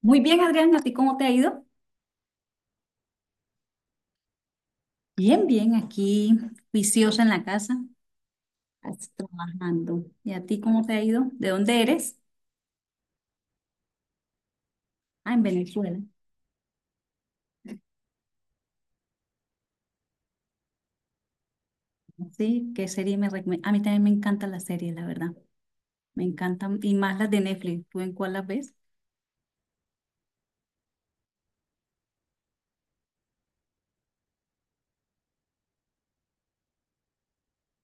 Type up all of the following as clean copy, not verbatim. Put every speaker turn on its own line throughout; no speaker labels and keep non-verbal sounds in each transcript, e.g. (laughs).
Muy bien, Adriana, ¿a ti cómo te ha ido? Bien, aquí juiciosa en la casa, así, trabajando. ¿Y a ti cómo te ha ido? ¿De dónde eres? Ah, en Venezuela. Sí, ¿qué serie me recomiendas? A mí también me encantan las series, la verdad. Me encantan, y más las de Netflix. ¿Tú en cuál las ves?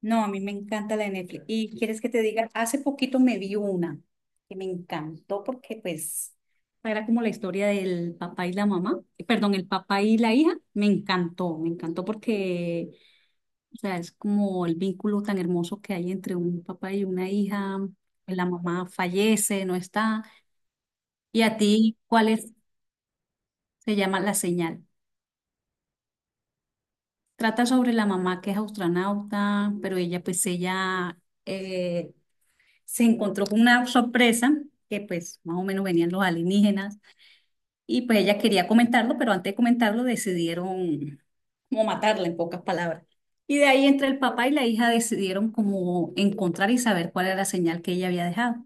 No, a mí me encanta la de Netflix. Y quieres que te diga, hace poquito me vi una que me encantó porque pues era como la historia del papá y la mamá, perdón, el papá y la hija. Me encantó porque o sea, es como el vínculo tan hermoso que hay entre un papá y una hija. La mamá fallece, no está. ¿Y a ti cuál es? Se llama La Señal. Trata sobre la mamá que es astronauta, pero ella pues ella eh, se encontró con una sorpresa que pues más o menos venían los alienígenas y pues ella quería comentarlo, pero antes de comentarlo decidieron como matarla en pocas palabras. Y de ahí entre el papá y la hija decidieron como encontrar y saber cuál era la señal que ella había dejado.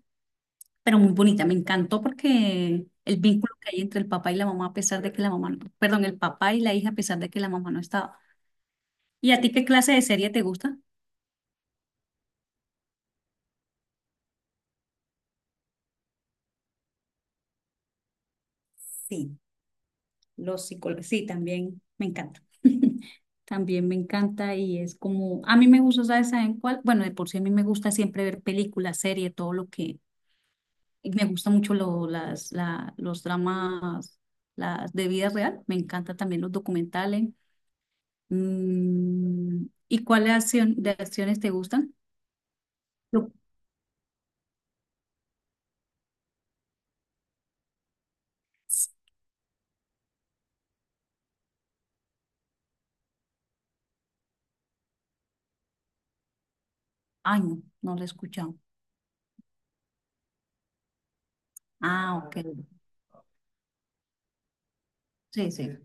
Pero muy bonita. Me encantó porque el vínculo que hay entre el papá y la mamá, a pesar de que la mamá, perdón, el papá y la hija, a pesar de que la mamá no estaba. ¿Y a ti qué clase de serie te gusta? Sí, los psicólogos, sí, también me encanta. (laughs) También me encanta y es como, a mí me gusta, ¿sabes? ¿Saben cuál? Bueno, de por sí a mí me gusta siempre ver películas, series, todo lo que, y me gusta mucho los dramas, las de vida real, me encanta también los documentales. Mm, ¿y cuáles acción, de acciones te gustan? Lucas. Ay, no, no lo he escuchado. Ah, ok. Sí, sí.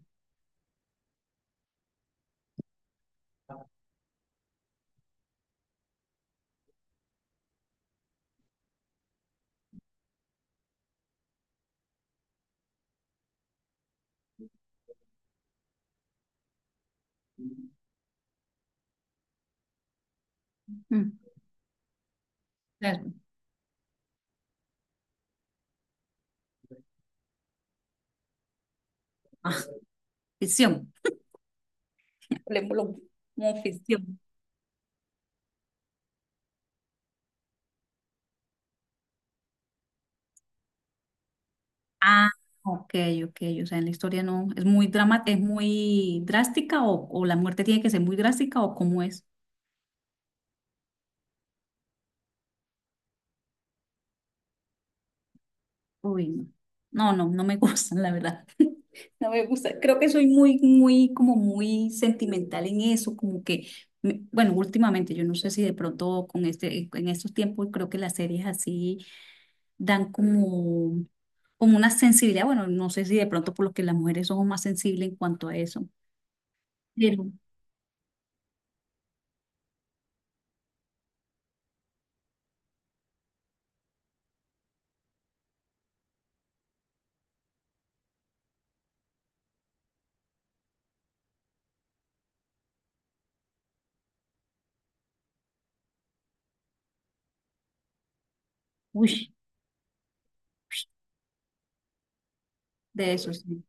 Mm. Es- ah, ficción. Hablemoslo como ficción. Ah, ok, ok. O sea, en la historia no. ¿Es muy drama, es muy drástica o la muerte tiene que ser muy drástica o cómo es? Uy, no. No, no, no me (laughs) gustan, la verdad. (laughs) No me gusta. Creo que soy muy, muy, como muy sentimental en eso, como que, bueno, últimamente, yo no sé si de pronto con este, en estos tiempos creo que las series así dan como, como una sensibilidad. Bueno, no sé si de pronto por lo que las mujeres somos más sensibles en cuanto a eso. Pero, uy, de eso sí.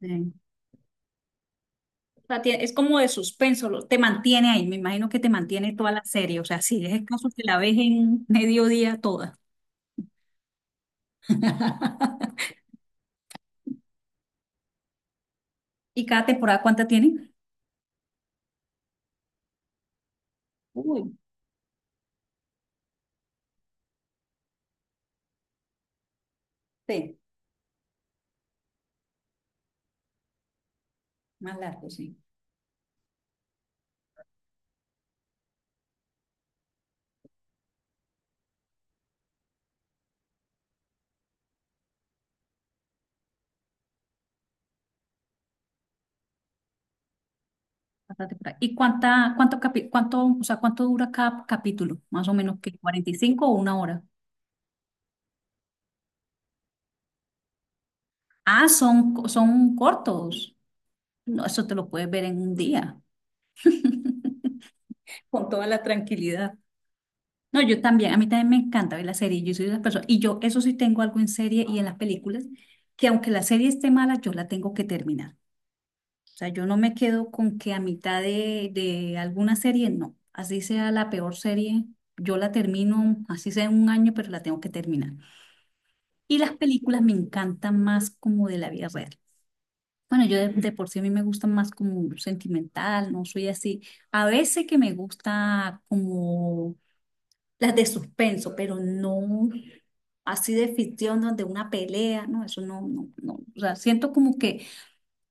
Sí. O sea, es como de suspenso, te mantiene ahí, me imagino que te mantiene toda la serie, o sea, si es caso que la ves en mediodía toda. (laughs) ¿Y cada temporada cuánta tienen? Uy, sí, más largo, sí. Cada temporada. ¿Y cuánta, o sea, cuánto dura cada capítulo? Más o menos que 45 o una hora. Ah, son cortos. No, eso te lo puedes ver en un día. (laughs) Con toda la tranquilidad. No, yo también, a mí también me encanta ver la serie. Yo soy de las personas, y yo eso sí tengo algo en serie y en las películas, que aunque la serie esté mala, yo la tengo que terminar. O sea, yo no me quedo con que a mitad de alguna serie, no. Así sea la peor serie, yo la termino, así sea en 1 año, pero la tengo que terminar. Y las películas me encantan más como de la vida real. Bueno, yo de por sí a mí me gusta más como sentimental, no soy así. A veces que me gusta como las de suspenso, pero no así de ficción donde una pelea, no, eso no, no, no. O sea, siento como que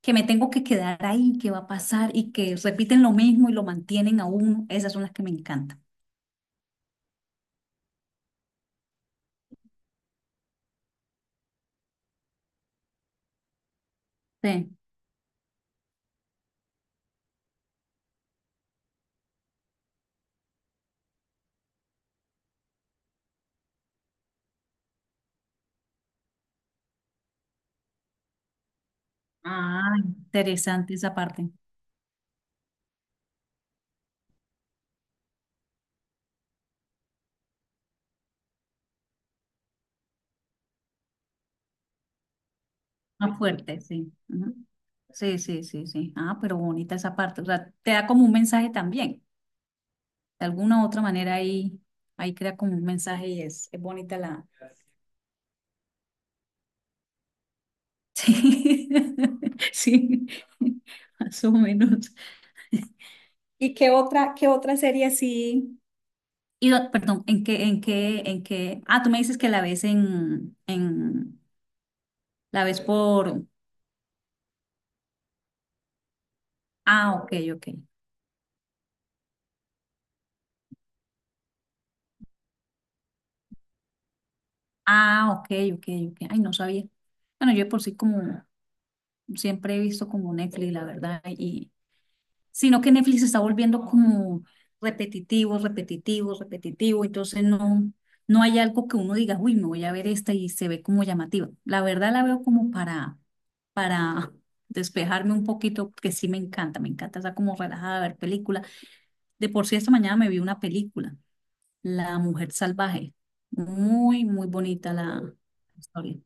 que me tengo que quedar ahí, que va a pasar y que repiten lo mismo y lo mantienen a uno. Esas son las que me encantan. Sí. Ah, interesante esa parte. Más fuerte, sí. Ujú. Sí, sí, sí, sí. Ah, pero bonita esa parte. O sea, te da como un mensaje también. De alguna u otra manera ahí, ahí crea como un mensaje y es bonita la... (laughs) Sí, (laughs) sí, (laughs) más o menos. ¿Y qué otra serie así? Y, perdón, ¿en qué, en qué, en qué? Ah, tú me dices que la ves la ves por, ah, ok, ok. Ah, ok, ok, ok. Ay, no sabía. Bueno, yo de por sí como, siempre he visto como Netflix, la verdad, y, sino que Netflix se está volviendo como repetitivo, repetitivo, repetitivo, entonces no, no hay algo que uno diga, uy, me voy a ver esta y se ve como llamativa. La verdad la veo como para (laughs) despejarme un poquito, porque sí me encanta está como relajada, ver películas. De por sí, esta mañana me vi una película, La Mujer Salvaje. Muy, muy bonita la historia.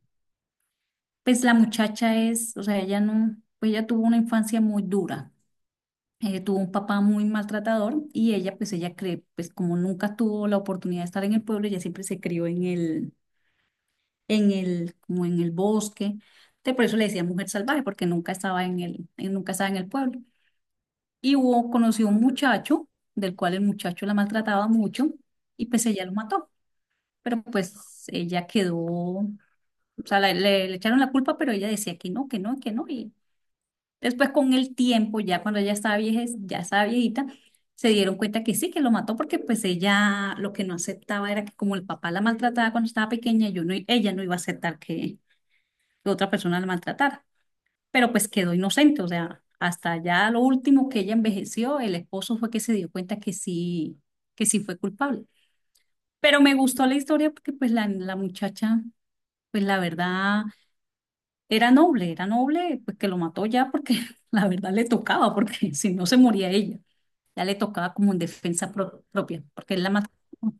Pues la muchacha es, o sea, ella no, pues ella tuvo una infancia muy dura. Tuvo un papá muy maltratador y ella, pues ella cree, pues como nunca tuvo la oportunidad de estar en el pueblo, ella siempre se crió como en el bosque. Entonces, por eso le decía mujer salvaje, porque nunca estaba en el, nunca estaba en el pueblo. Y hubo, conoció un muchacho, del cual el muchacho la maltrataba mucho, y pues ella lo mató. Pero pues ella quedó, o sea, le echaron la culpa, pero ella decía que no, que no, que no. Y después con el tiempo, ya cuando ella estaba vieja, ya estaba viejita, se dieron cuenta que sí, que lo mató porque pues ella lo que no aceptaba era que como el papá la maltrataba cuando estaba pequeña, yo no, i- ella no iba a aceptar que otra persona la maltratara, pero pues quedó inocente, o sea, hasta ya lo último que ella envejeció, el esposo fue que se dio cuenta que sí fue culpable. Pero me gustó la historia porque pues la muchacha pues la verdad era noble, pues que lo mató ya porque (laughs) la verdad le tocaba, porque (laughs) si no se moría ella, ya le tocaba como en defensa propia, porque él la mató. ¿No?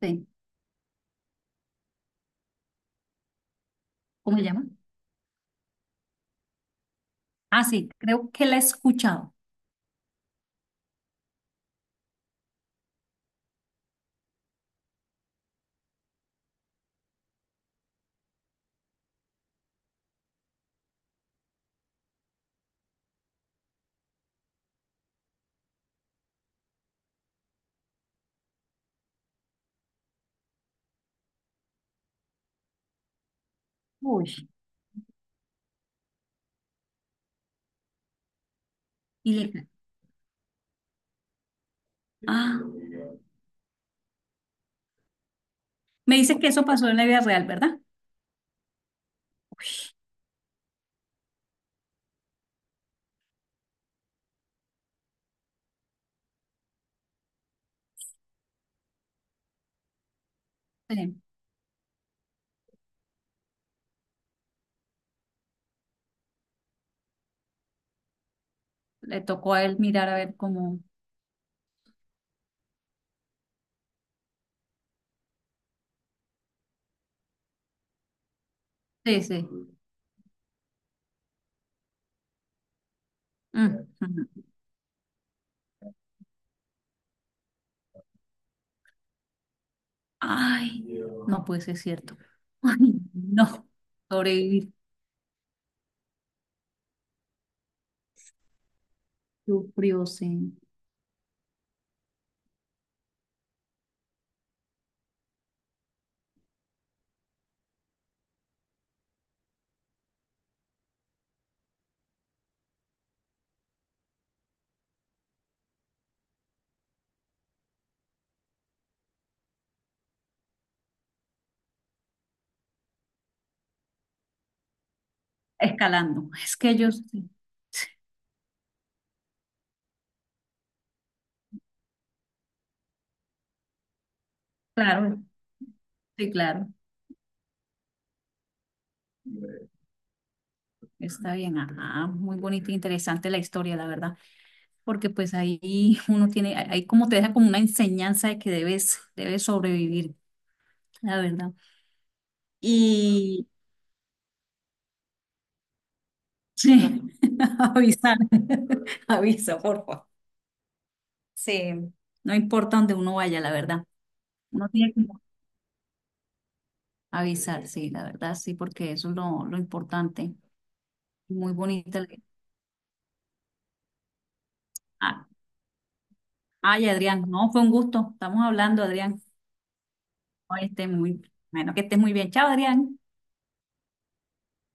Sí. ¿Cómo se llama? Ah, sí, creo que la he escuchado. Uy. Y le- ah, me dice que eso pasó en la vida real, ¿verdad? Sí. Le tocó a él mirar a ver cómo. Sí, sí. Mm, mm. Ay, no puede ser cierto. (laughs) Ay, no. Sobrevivir. Sufrió, sí. Escalando. Es que ellos. Sí, claro, sí, claro, está bien, ajá, muy bonita e interesante la historia, la verdad, porque pues ahí uno tiene, ahí como te deja como una enseñanza de que debes, debes sobrevivir, la verdad. Y sí, (laughs) avisar, (laughs) avisa, por favor. Sí, no importa donde uno vaya, la verdad. Uno tiene que avisar, sí, la verdad, sí, porque eso es lo importante. Muy bonita. Ah, ay, Adrián, no, fue un gusto, estamos hablando, Adrián. Hoy esté muy, bueno, que estés muy bien. Chao, Adrián.